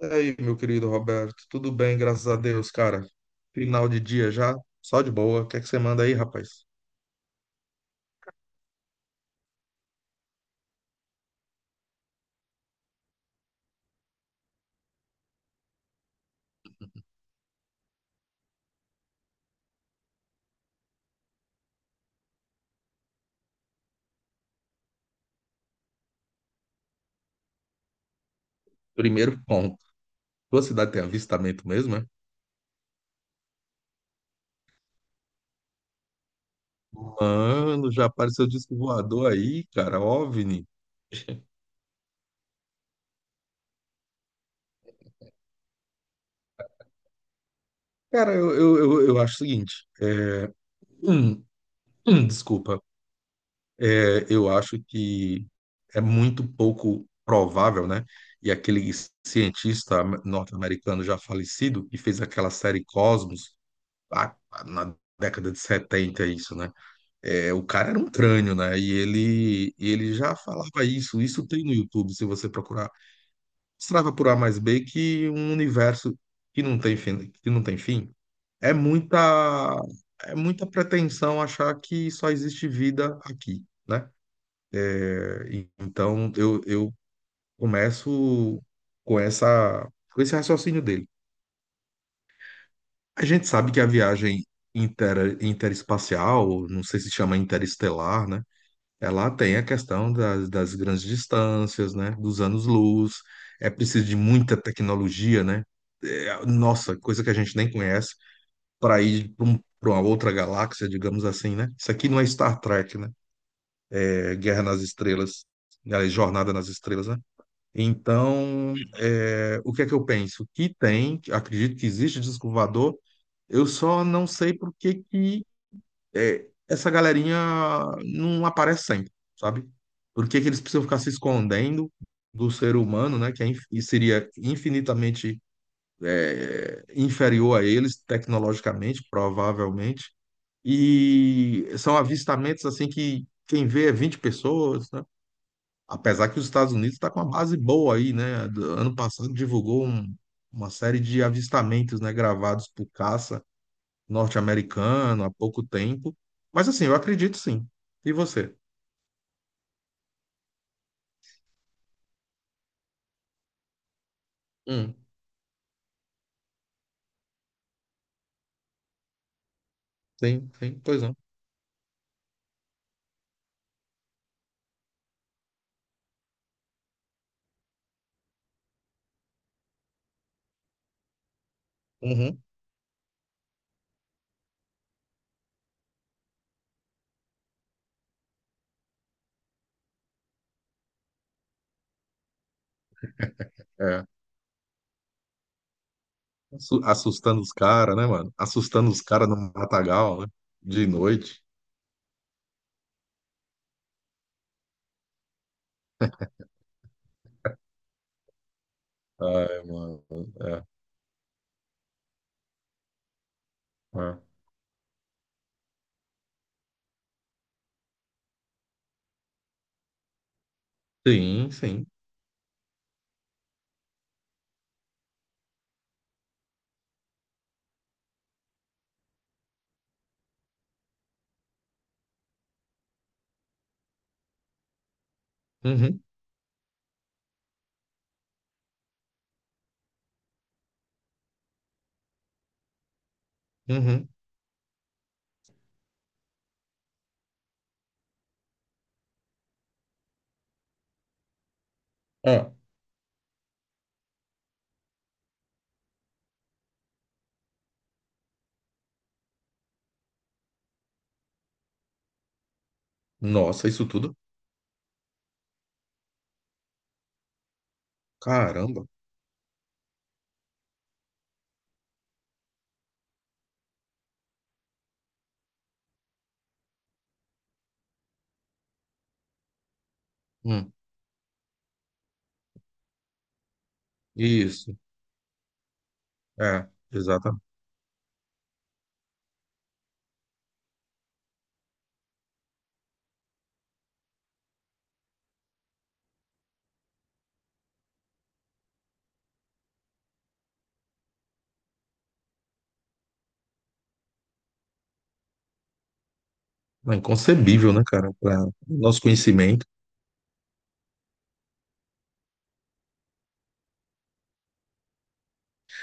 E aí, meu querido Roberto, tudo bem, graças a Deus, cara. Final de dia já, só de boa. O que é que você manda aí, rapaz? Primeiro ponto. Tua cidade tem avistamento mesmo, é? Mano, já apareceu disco voador aí, cara, OVNI. Cara, eu acho o seguinte. Hum, desculpa. É, eu acho que é muito pouco provável, né? E aquele cientista norte-americano já falecido, que fez aquela série Cosmos, lá na década de 70, isso, né? É, o cara era um crânio, né? E ele já falava isso. Isso tem no YouTube, se você procurar. Mostrava por A mais B que um universo que não tem fim, que não tem fim. É muita, é muita pretensão achar que só existe vida aqui, né? Então eu começo com esse raciocínio dele. A gente sabe que a viagem interespacial, não sei se chama interestelar, né? Ela tem a questão das grandes distâncias, né? Dos anos-luz. É preciso de muita tecnologia, né? É, nossa, coisa que a gente nem conhece para ir pra uma outra galáxia, digamos assim, né? Isso aqui não é Star Trek, né? É Guerra nas Estrelas, né? É Jornada nas Estrelas, né? Então, é, o que é que eu penso? Que tem, acredito que existe disco voador, eu só não sei por que que é, essa galerinha não aparece sempre, sabe? Por que que eles precisam ficar se escondendo do ser humano, né? Que é, seria infinitamente é, inferior a eles, tecnologicamente, provavelmente. E são avistamentos assim que quem vê é 20 pessoas, né? Apesar que os Estados Unidos está com uma base boa aí, né? Ano passado divulgou uma série de avistamentos, né, gravados por caça norte-americano há pouco tempo. Mas assim, eu acredito sim. E você? Hum, sim, sim, pois não. Uhum. É. Assustando os caras, né, mano? Assustando os caras no matagal, né? De noite. Ai, mano. É, é. Sim, sim. Uhum, uhum. É. Nossa, isso tudo? Caramba. Hum, isso. É, exatamente. É inconcebível, né, cara? Para nosso conhecimento.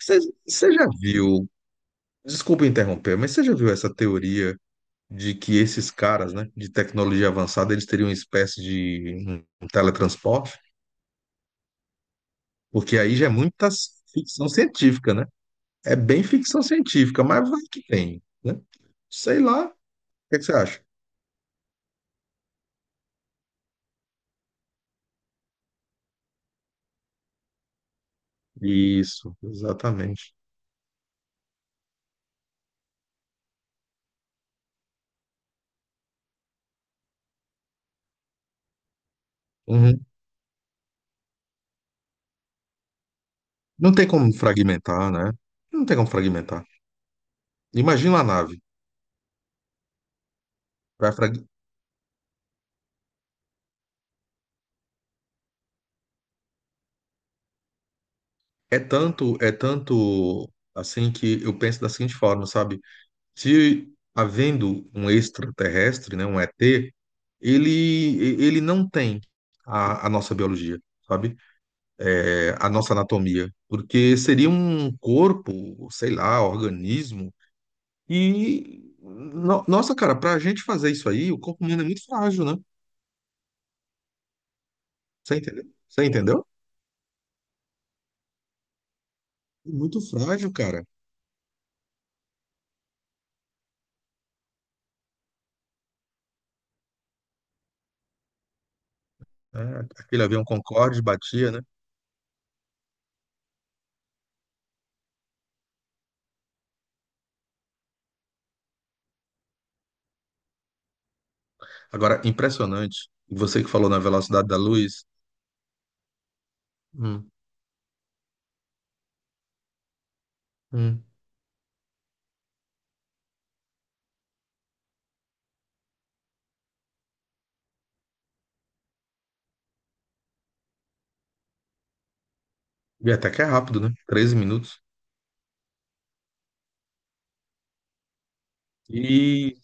Você já viu? Desculpa interromper, mas você já viu essa teoria de que esses caras, né, de tecnologia avançada, eles teriam uma espécie de um teletransporte, porque aí já é muita ficção científica, né? É bem ficção científica, mas vai que tem, né? Sei lá, o que é que você acha? Isso, exatamente. Uhum. Não tem como fragmentar, né? Não tem como fragmentar. Imagina a nave. Vai frag... é tanto assim que eu penso da seguinte forma, sabe? Se havendo um extraterrestre, né, um ET, ele, ele não tem a nossa biologia, sabe? É, a nossa anatomia, porque seria um corpo, sei lá, organismo, e nossa, cara, pra gente fazer isso aí, o corpo humano é muito frágil, né? Você entendeu? Você entendeu? Muito frágil, cara. É, aquele avião Concorde batia, né? Agora, impressionante. E você que falou na velocidade da luz. Hum, hum. E até que é rápido, né? 13 minutos. E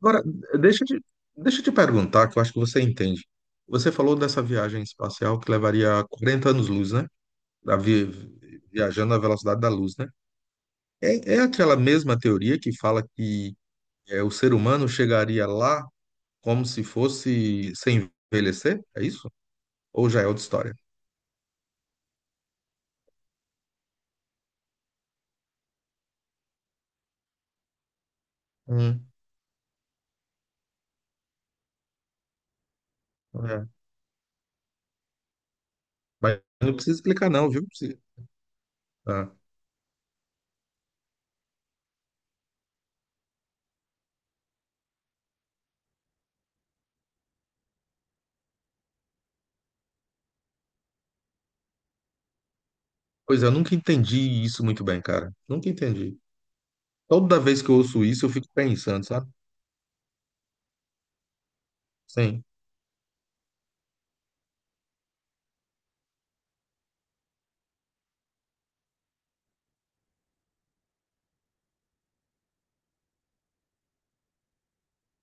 agora, deixa eu te, deixa eu te perguntar, que eu acho que você entende. Você falou dessa viagem espacial que levaria 40 anos-luz, né? Da vi- Viajando à velocidade da luz, né? É, é aquela mesma teoria que fala que é, o ser humano chegaria lá como se fosse sem envelhecer? É isso? Ou já é outra história? Hum, é. Mas não precisa explicar, não, viu? Não precisa. Ah, pois é, eu nunca entendi isso muito bem, cara. Nunca entendi. Toda vez que eu ouço isso, eu fico pensando, sabe? Sim.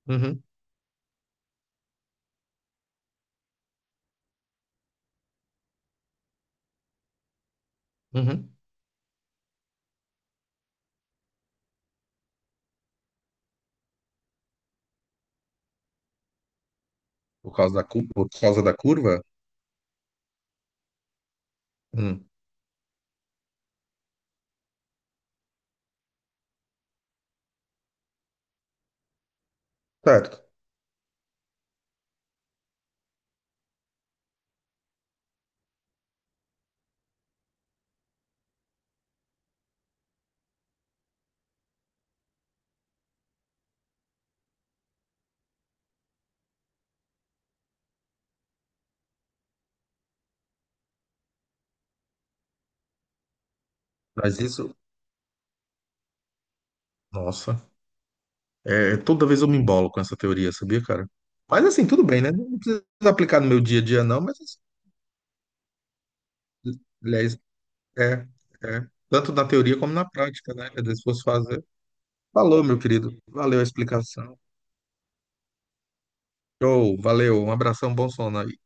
Uhum, uhum. Por causa por causa da curva? Uhum. Certo. Mas isso, nossa, é, é, toda vez eu me embolo com essa teoria, sabia, cara? Mas assim, tudo bem, né? Não precisa aplicar no meu dia a dia, não, mas assim, aliás, é, é, tanto na teoria como na prática, né? Quer dizer, se fosse fazer. Falou, meu querido. Valeu a explicação. Show, valeu. Um abração, bom sono aí.